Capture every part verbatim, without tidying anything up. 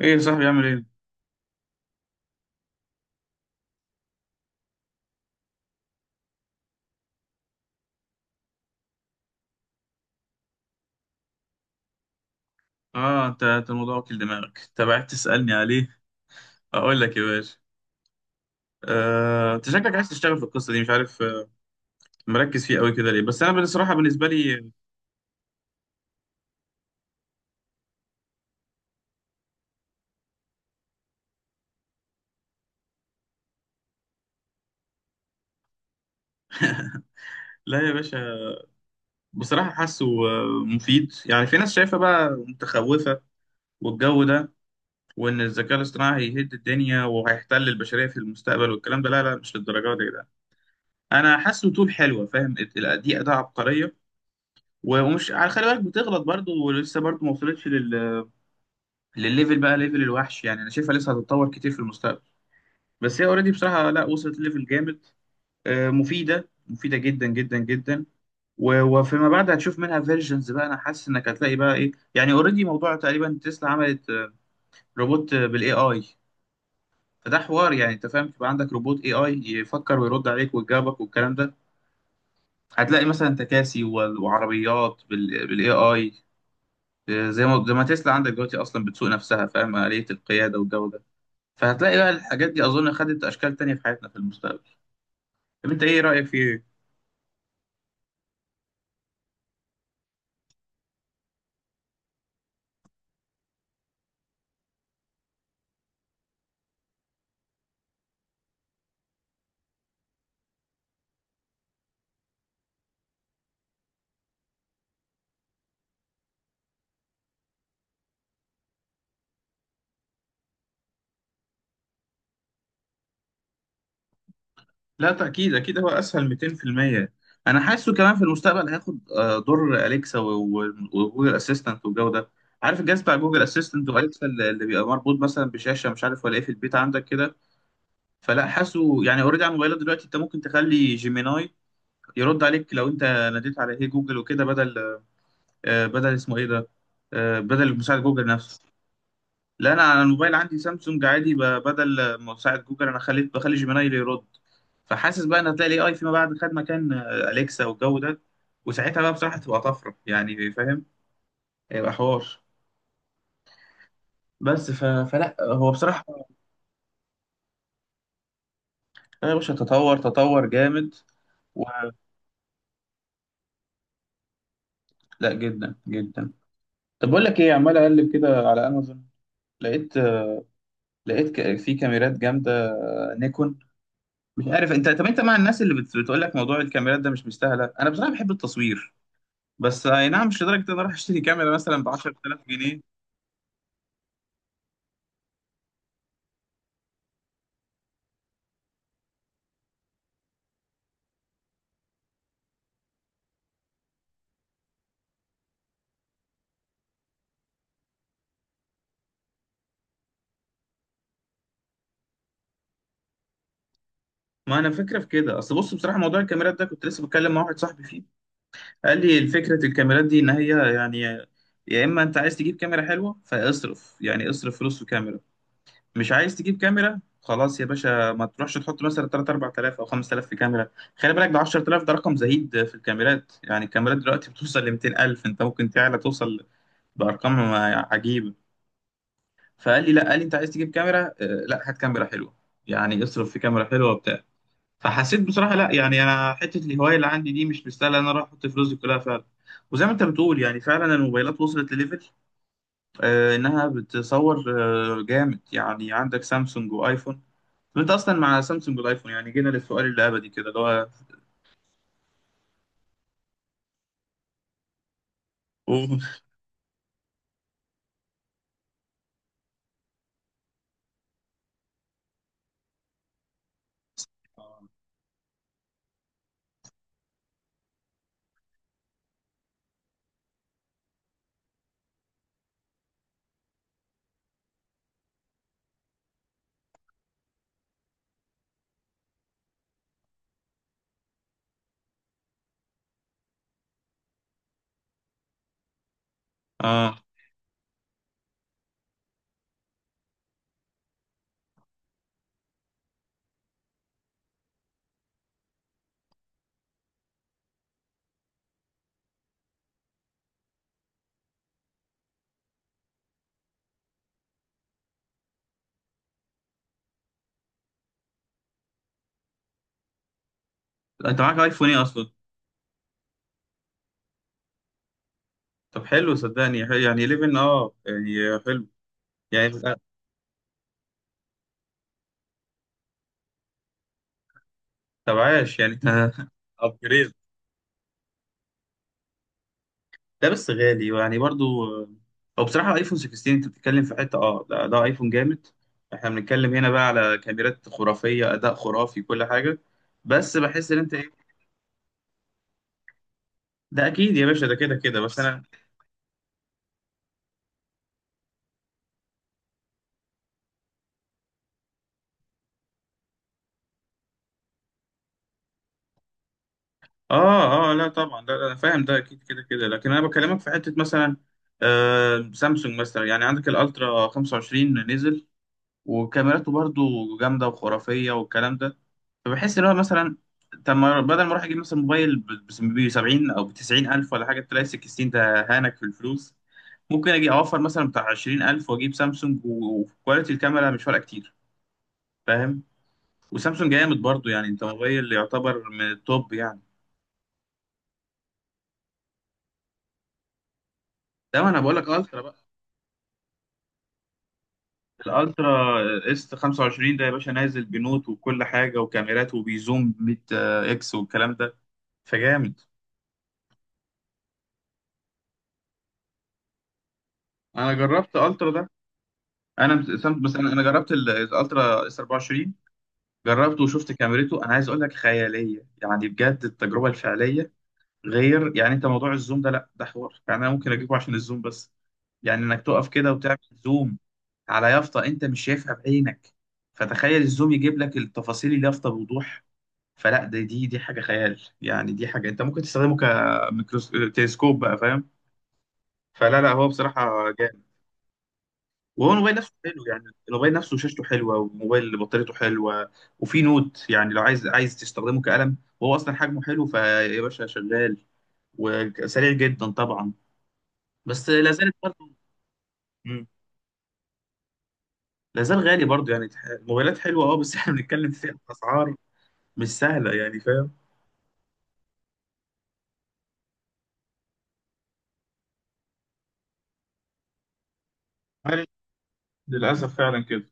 ايه يا صاحبي؟ عامل ايه؟ اه، انت انت الموضوع واكل دماغك، انت بعت تسألني عليه. اقول لك يا باشا، آه، انت شكلك عايز تشتغل في القصه دي، مش عارف آه، مركز فيه قوي كده ليه؟ بس انا بصراحه بالنسبه لي، لا يا باشا، بصراحه حاسه آه، مفيد. يعني في ناس شايفه بقى متخوفه والجو ده، وان الذكاء الاصطناعي هيهد الدنيا وهيحتل البشريه في المستقبل والكلام ده. لا لا، مش للدرجه دي ده. انا حاسه طول حلوه، فاهم؟ ال- ال- دي اداه عبقريه، ومش على خلي بالك، بتغلط برضه ولسه برضه ما وصلتش للليفل بقى، ليفل الوحش، يعني انا شايفها لسه هتتطور كتير في المستقبل. بس هي اوريدي بصراحه لا، وصلت ليفل جامد. آه، مفيده مفيده جدا جدا جدا. و- وفيما بعد هتشوف منها فيرجنز بقى. انا حاسس انك هتلاقي بقى ايه، يعني اوريدي موضوع تقريبا تسلا عملت آه، روبوت، آه، بالاي اي. فده حوار، يعني انت فاهم، تبقى عندك روبوت اي اي يفكر ويرد عليك ويجاوبك والكلام ده. هتلاقي مثلا تكاسي و- وعربيات بالاي اي، زي ما زي ما تسلا عندك دلوقتي اصلا بتسوق نفسها، فاهم؟ آلية القياده والجو ده. فهتلاقي بقى الحاجات دي اظن خدت اشكال تانية في حياتنا في المستقبل. طب انت ايه رايك في ايه؟ لا تاكيد، اكيد، هو اسهل مئتين في المية. انا حاسه كمان في المستقبل هياخد آه، دور اليكسا و- و- وجوجل اسيستنت والجو ده. عارف الجهاز بتاع جوجل اسيستنت واليكسا اللي اللي بيبقى مربوط مثلا بشاشه مش عارف ولا ايه في البيت عندك كده؟ فلا حاسه يعني اوريدي على الموبايلات دلوقتي انت ممكن تخلي جيميناي يرد عليك لو انت ناديت على هي جوجل وكده، بدل آه، بدل اسمه ايه ده، آه، بدل مساعد جوجل نفسه. لا انا على الموبايل عندي سامسونج عادي، ب- بدل مساعد جوجل انا خليت، بخلي جيميناي اللي يرد. فحاسس بقى ان هتلاقي الاي اي فيما بعد خد مكان آه، اليكسا والجو ده. وساعتها بقى بصراحه تبقى طفره، يعني فاهم؟ هيبقى حوار. بس ف... فلا هو بصراحه يا باشا تطور، تطور جامد. و... لا جدا جدا. طب بقول لك ايه، عمال اقلب كده على امازون. لقيت آه، لقيت ك- في كاميرات جامده آه، نيكون. مش عارف انت، طب انت مع الناس اللي بت... بتقول لك موضوع الكاميرات ده مش مستاهله؟ انا بصراحه بحب التصوير، بس اي نعم مش لدرجه ان انا اروح اشتري كاميرا مثلا ب عشرة آلاف جنيه. ما انا فكره في كده. اصل بص، بصراحه موضوع الكاميرات ده كنت لسه بتكلم مع واحد صاحبي فيه. قال لي فكره الكاميرات دي ان هي يعني، يا اما انت عايز تجيب كاميرا حلوه فاصرف، يعني اصرف فلوس في كاميرا. مش عايز تجيب كاميرا خلاص يا باشا، ما تروحش تحط مثلا تلاتة اربعة آلاف او خمسة آلاف في كاميرا. خلي بالك، ده عشرة آلاف ده رقم زهيد في الكاميرات، يعني الكاميرات دلوقتي بتوصل ل مئتين الف، انت ممكن تعلى توصل بارقام عجيبه. فقال لي لا، قال لي انت عايز تجيب كاميرا آه، لا هات كاميرا حلوه، يعني اصرف في كاميرا حلوه وبتاع. فحسيت بصراحه لا، يعني انا حته الهوايه اللي عندي دي مش مستاهله ان انا اروح احط فلوسي كلها فعلا. وزي ما انت بتقول، يعني فعلا الموبايلات وصلت لليفل آه انها بتصور آه جامد. يعني عندك سامسونج وايفون، انت اصلا مع سامسونج والايفون، يعني جينا للسؤال اللي ابدي كده اللي هو، أوه. اه، انت معاك ايفون ايه اصلا؟ طب حلو، صدقني حلو. يعني حداشر، اه يعني حلو يعني. طب عاش يعني انت upgrade. ده بس غالي يعني برضو. او بصراحة ايفون ستة عشر انت بتتكلم في حتة اه، ده ده ايفون جامد. احنا بنتكلم هنا بقى على كاميرات خرافية، اداء خرافي، كل حاجة. بس بحس ان انت ايه، ده اكيد يا باشا ده كده كده، بس انا اه اه لا طبعا ده انا فاهم، ده اكيد كده كده، لكن انا بكلمك في حتة مثلا آه سامسونج مثلا. يعني عندك الالترا خمسة وعشرين نزل وكاميراته برضو جامدة وخرافية والكلام ده. فبحس اللي هو مثلا، طب ما بدل ما اروح اجيب مثلا موبايل ب سبعين او ب تسعين الف ولا حاجه، تلاقي ستاشر ده هانك في الفلوس. ممكن اجي اوفر مثلا بتاع عشرين الف واجيب سامسونج، و- وكواليتي الكاميرا مش فارقه كتير، فاهم؟ وسامسونج جامد برضو، يعني انت موبايل يعتبر من التوب يعني. ده ما انا بقول لك الترا بقى. الالترا اس خمسة وعشرين ده يا باشا نازل بنوت وكل حاجه وكاميرات وبيزوم مية اكس والكلام ده، فجامد. انا جربت الترا ده. انا مس- سام- بس انا أنا جربت ال- الالترا اس اربعة وعشرين، جربته وشفت كاميرته. انا عايز اقول لك خياليه، يعني بجد التجربه الفعليه غير. يعني انت موضوع الزوم ده لا، ده حوار. يعني انا ممكن اجيبه عشان الزوم بس، يعني انك تقف كده وتعمل زوم على يافطه انت مش شايفها بعينك، فتخيل الزوم يجيب لك التفاصيل اليافطه بوضوح. فلا ده دي دي حاجه خيال، يعني دي حاجه انت ممكن تستخدمه كميكروس، تلسكوب بقى، فاهم؟ فلا لا هو بصراحه جامد. وهو الموبايل نفسه حلو، يعني الموبايل نفسه شاشته حلوه والموبايل بطاريته حلوه. وفي نوت يعني لو عايز، عايز تستخدمه كقلم، وهو اصلا حجمه حلو، فيا باشا شغال وسريع جدا طبعا. بس لا زالت برضه مم. لا زال غالي برضه، يعني تح- الموبايلات حلوه اه، بس احنا بنتكلم في اسعار مش سهله، يعني فاهم؟ عارف، للاسف فعلا كده.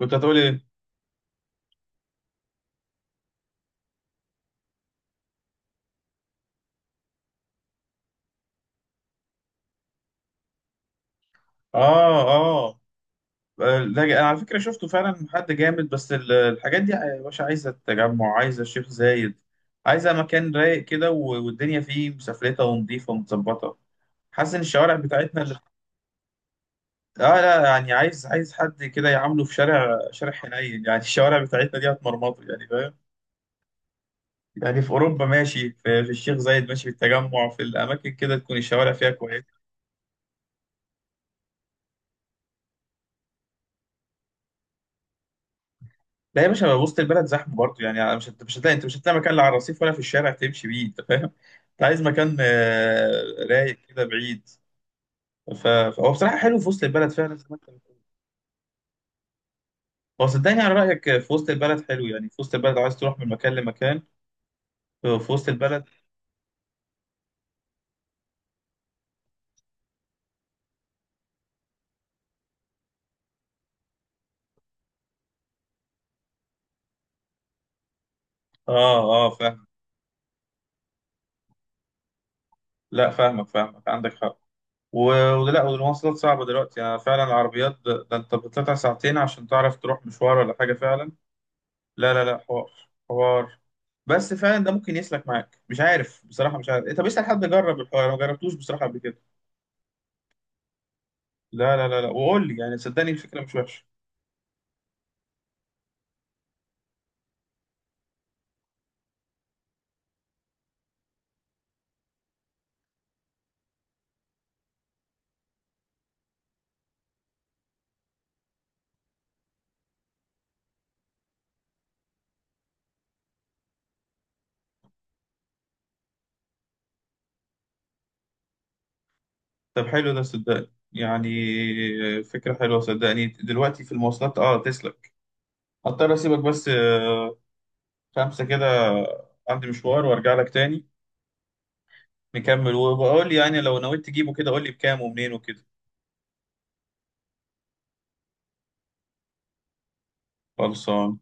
كنت هتقول ايه؟ اه اه، ده انا على فكره شفته فعلا حد جامد، بس ال- الحاجات دي يا باشا عايزه التجمع، عايزه الشيخ زايد، عايزه مكان رايق كده، و- والدنيا فيه مسفلته ونظيفه ومتظبطه. حاسس ان الشوارع بتاعتنا اللي، اه لا يعني عايز، عايز حد كده يعامله في شارع، شارع حنين يعني الشوارع بتاعتنا دي هتمرمطه، يعني فاهم؟ يعني في اوروبا ماشي، في, في الشيخ زايد ماشي، في التجمع، في الاماكن كده تكون الشوارع فيها كويسه. لا يا باشا وسط البلد زحمه برضه. يعني أنا مش هت- مش هتلاقي، انت مش هتلاقي مكان لا على الرصيف ولا في الشارع تمشي بيه، انت فاهم؟ انت عايز مكان آه، رايق كده بعيد. ف- فهو بصراحه حلو في وسط البلد فعلا زي ما انت بتقول. هو صدقني على رايك، في وسط البلد حلو، يعني في وسط البلد عايز تروح من مكان لمكان، في وسط البلد اه اه فاهم. لا فاهمك فاهمك، عندك حق. و- ولا، والمواصلات صعبه دلوقتي يعني فعلا، العربيات ده ده انت بتطلع ساعتين عشان تعرف تروح مشوار ولا حاجه فعلا، لا لا لا حوار، حوار. بس فعلا ده ممكن يسلك معاك، مش عارف بصراحة، مش عارف إيه، طب اسأل حد جرب الحوار، أنا ما جربتوش بصراحة قبل كده. لا لا لا لا، وقول لي يعني، صدقني الفكرة مش وحشة. طب حلو ده صدقني يعني، فكرة حلوة صدقني، دلوقتي في المواصلات اه تسلك. هضطر اسيبك بس آه، خمسة كده، عندي مشوار وارجع لك تاني، نكمل وبقول لي يعني لو نويت تجيبه كده قول لي بكام ومنين وكده. خلصان.